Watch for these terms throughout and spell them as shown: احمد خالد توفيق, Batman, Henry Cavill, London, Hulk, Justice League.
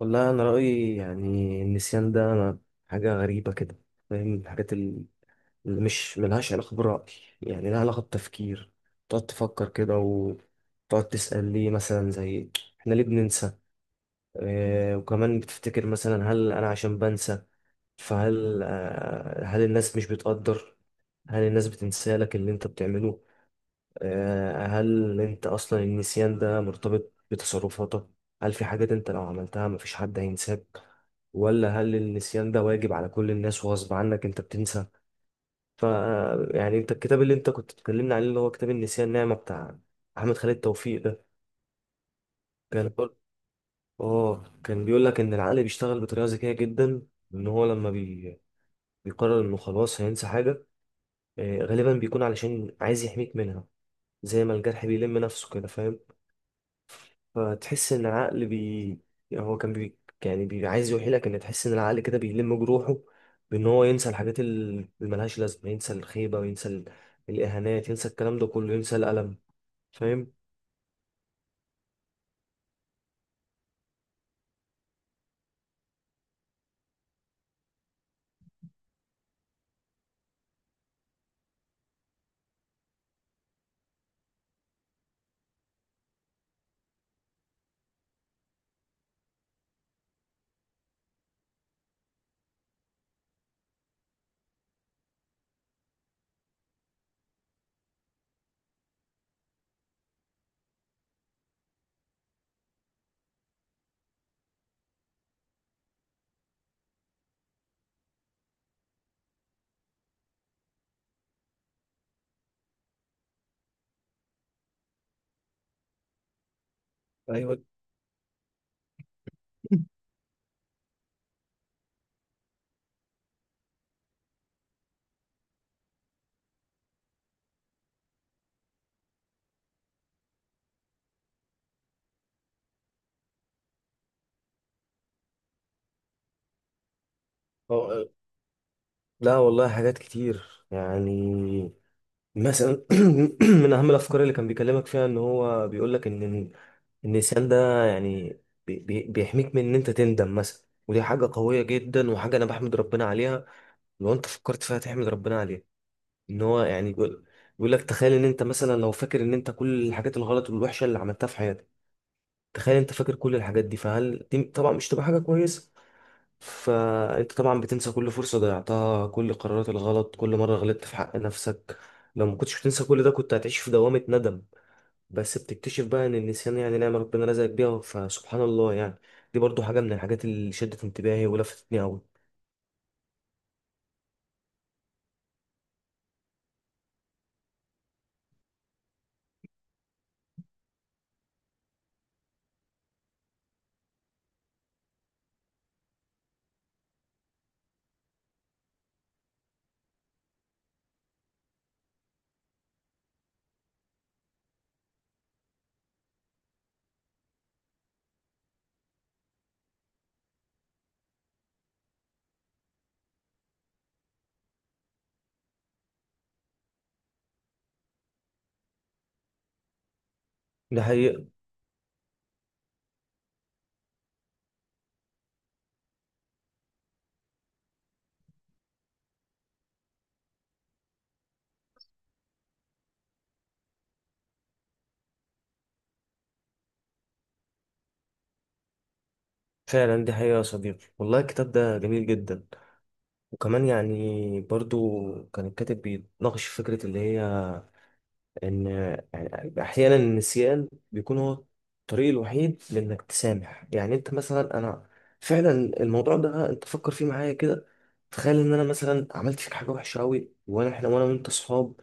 والله انا رايي، يعني النسيان ده، حاجه غريبه كده، فاهم؟ الحاجات اللي مش ملهاش علاقه براي، يعني لها علاقه بتفكير. تقعد تفكر كده وتقعد تسال ليه، مثلا زي احنا ليه بننسى؟ آه وكمان بتفتكر مثلا هل انا عشان بنسى؟ فهل آه هل الناس مش بتقدر، هل الناس بتنسى لك اللي انت بتعمله؟ آه، هل انت اصلا النسيان ده مرتبط بتصرفاتك؟ هل في حاجات انت لو عملتها مفيش حد هينساك؟ ولا هل النسيان ده واجب على كل الناس وغصب عنك انت بتنسى؟ ف يعني انت الكتاب اللي انت كنت بتكلمنا عليه، اللي هو كتاب النسيان نعمة بتاع احمد خالد توفيق ده، كان بيقول، اه كان بيقول لك ان العقل بيشتغل بطريقة ذكية جدا. ان هو لما بيقرر انه خلاص هينسى حاجة، آه، غالبا بيكون علشان عايز يحميك منها. زي ما الجرح بيلم نفسه كده، فاهم؟ فتحس ان العقل هو كان يعني عايز يوحيلك ان تحس ان العقل كده بيلم جروحه، بان هو ينسى الحاجات اللي ملهاش لازمه. ينسى الخيبه، وينسى الاهانات، ينسى الكلام ده كله، ينسى الالم. فاهم. ايوه. أه، لا والله حاجات كتير يعني. مثلا من اهم الافكار اللي كان بيكلمك فيها ان هو بيقول لك ان النسيان ده يعني بيحميك من ان انت تندم مثلا، ودي حاجه قويه جدا، وحاجه انا بحمد ربنا عليها. لو انت فكرت فيها تحمد ربنا عليها. ان هو يعني بيقول لك تخيل ان انت مثلا لو فاكر ان انت كل الحاجات الغلط والوحشه اللي عملتها في حياتك، تخيل انت فاكر كل الحاجات دي، فهل دي طبعا مش تبقى حاجه كويسه؟ فانت طبعا بتنسى كل فرصه ضيعتها، كل القرارات الغلط، كل مره غلطت في حق نفسك. لو ما كنتش بتنسى كل ده كنت هتعيش في دوامه ندم. بس بتكتشف بقى ان النسيان يعني نعمه ربنا رزقك بيها، فسبحان الله يعني. دي برضو حاجه من الحاجات اللي شدت انتباهي ولفتتني قوي. ده حقيقة. فعلا دي حقيقة يا صديقي، والله الكتاب ده جميل جدا. وكمان يعني برضو كان الكاتب بيناقش فكرة اللي هي إن، يعني أحيانا النسيان بيكون هو الطريق الوحيد لإنك تسامح. يعني أنت مثلا، أنا فعلا الموضوع ده أنت فكر فيه معايا كده. تخيل إن أنا مثلا عملت فيك حاجة وحشة أوي، وأنا إحنا وأنا وأنت صحاب،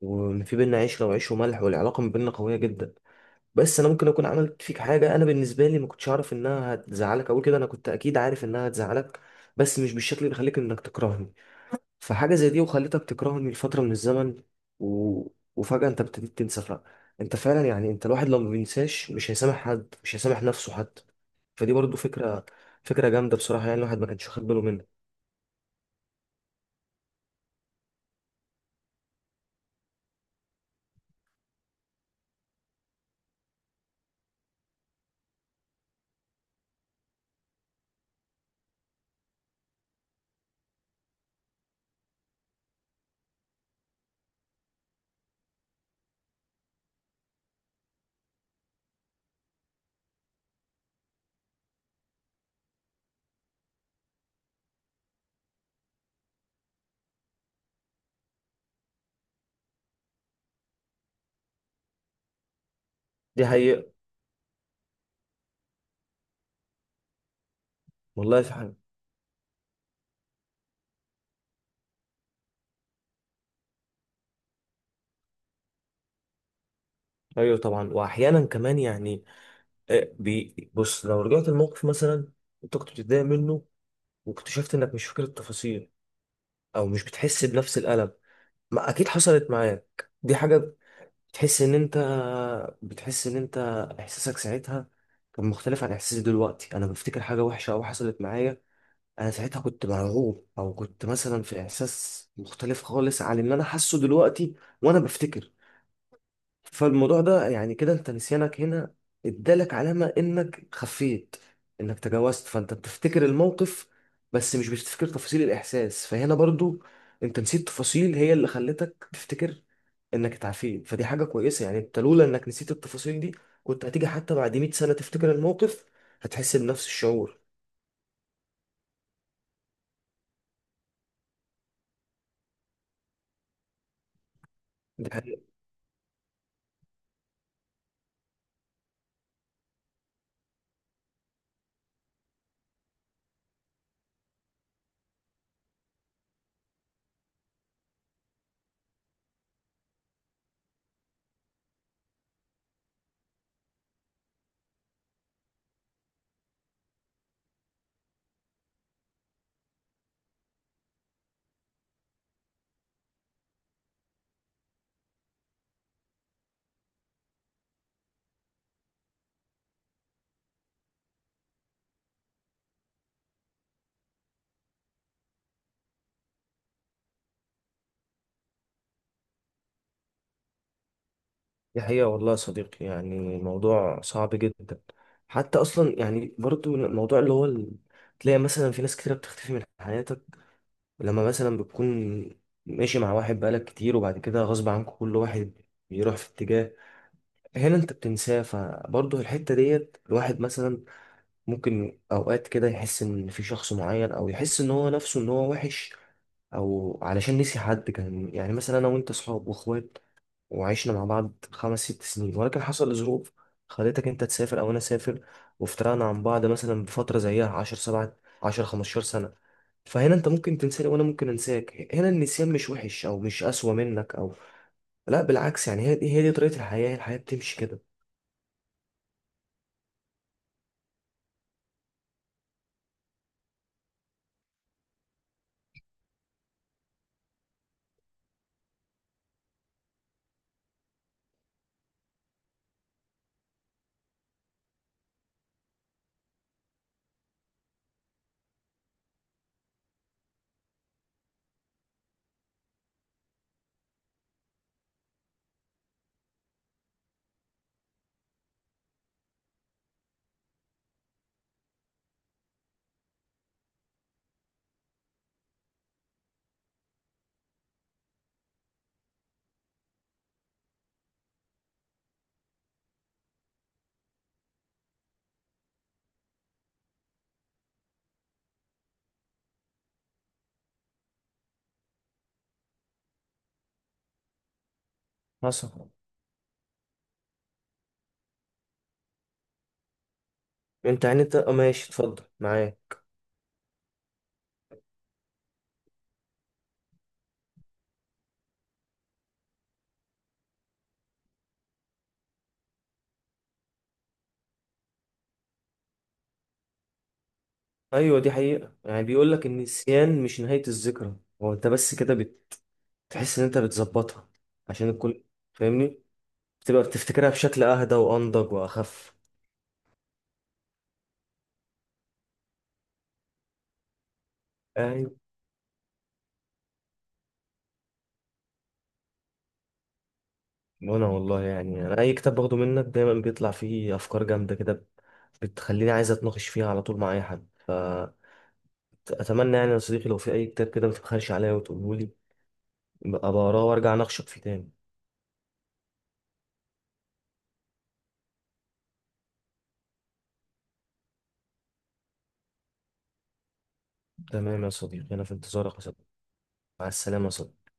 وإن في بينا عشرة وعيش وملح، والعلاقة ما بيننا قوية جدا. بس أنا ممكن أكون عملت فيك حاجة أنا بالنسبة لي ما كنتش أعرف إنها هتزعلك أوي كده. أنا كنت أكيد عارف إنها هتزعلك، بس مش بالشكل اللي يخليك إنك تكرهني. فحاجة زي دي وخلتك تكرهني لفترة من الزمن، و... وفجأة انت ابتديت تنسى فعلا. انت فعلا يعني انت الواحد لو ما بينساش مش هيسامح حد، مش هيسامح نفسه حتى. فدي برضو فكرة، فكرة جامدة بصراحة، يعني الواحد ما كانش واخد باله منها. دي حقيقة. والله في حاجة، ايوه طبعا. واحيانا كمان يعني، آه، بص لو رجعت الموقف مثلا، انت كنت بتتضايق منه، واكتشفت انك مش فاكر التفاصيل، او مش بتحس بنفس الألم. ما اكيد حصلت معاك دي حاجة. تحس ان انت بتحس ان انت احساسك ساعتها كان مختلف عن احساسي دلوقتي. انا بفتكر حاجه وحشه او حصلت معايا، انا ساعتها كنت مرعوب او كنت مثلا في احساس مختلف خالص عن اللي انا حاسه دلوقتي وانا بفتكر. فالموضوع ده يعني كده انت نسيانك هنا ادالك علامة انك خفيت، انك تجاوزت، فانت بتفتكر الموقف بس مش بتفتكر تفاصيل الاحساس. فهنا برضو انت نسيت تفاصيل هي اللي خلتك تفتكر انك اتعافيت، فدي حاجة كويسة يعني. انت لولا انك نسيت التفاصيل دي كنت هتيجي حتى بعد 100 سنة تفتكر الموقف، هتحس بنفس الشعور. دي حقيقة والله يا صديقي، يعني الموضوع صعب جدا حتى. أصلا يعني برضو الموضوع اللي هو تلاقي مثلا في ناس كتيرة بتختفي من حياتك، لما مثلا بتكون ماشي مع واحد بقالك كتير وبعد كده غصب عنك كل واحد بيروح في اتجاه. هنا انت بتنساه، فبرضه الحتة ديت الواحد مثلا ممكن أوقات كده يحس إن في شخص معين، أو يحس إن هو نفسه إن هو وحش، أو علشان نسي حد كان. يعني مثلا أنا وأنت صحاب وأخوات، وعشنا مع بعض خمس ست سنين، ولكن حصل ظروف خلتك انت تسافر او انا اسافر، وافترقنا عن بعض مثلا بفتره زيها 10 7 10 15 سنه. فهنا انت ممكن تنساني وانا ممكن انساك. هنا النسيان مش وحش او مش اسوأ منك، او لا بالعكس، يعني هي دي طريقه الحياه. الحياه بتمشي كده. حصل. انت يعني انت اه ماشي، اتفضل معايا. ايوه دي حقيقه، يعني بيقول لك النسيان مش نهايه الذكرى. هو انت بس كده بتحس ان انت بتظبطها عشان الكل، فاهمني؟ بتبقى بتفتكرها بشكل اهدى وانضج واخف. ايوه. وانا والله يعني، انا اي كتاب باخده منك دايما بيطلع فيه افكار جامده كده، بتخليني عايز اتناقش فيها على طول مع اي حد. فاتمنى يعني يا صديقي لو في اي كتاب كده ما تبخلش عليا وتقوله لي، ابقى اقراه وارجع اناقشك فيه تاني. تمام يا صديقي، انا في انتظارك يا صديقي. مع السلامه يا صديقي.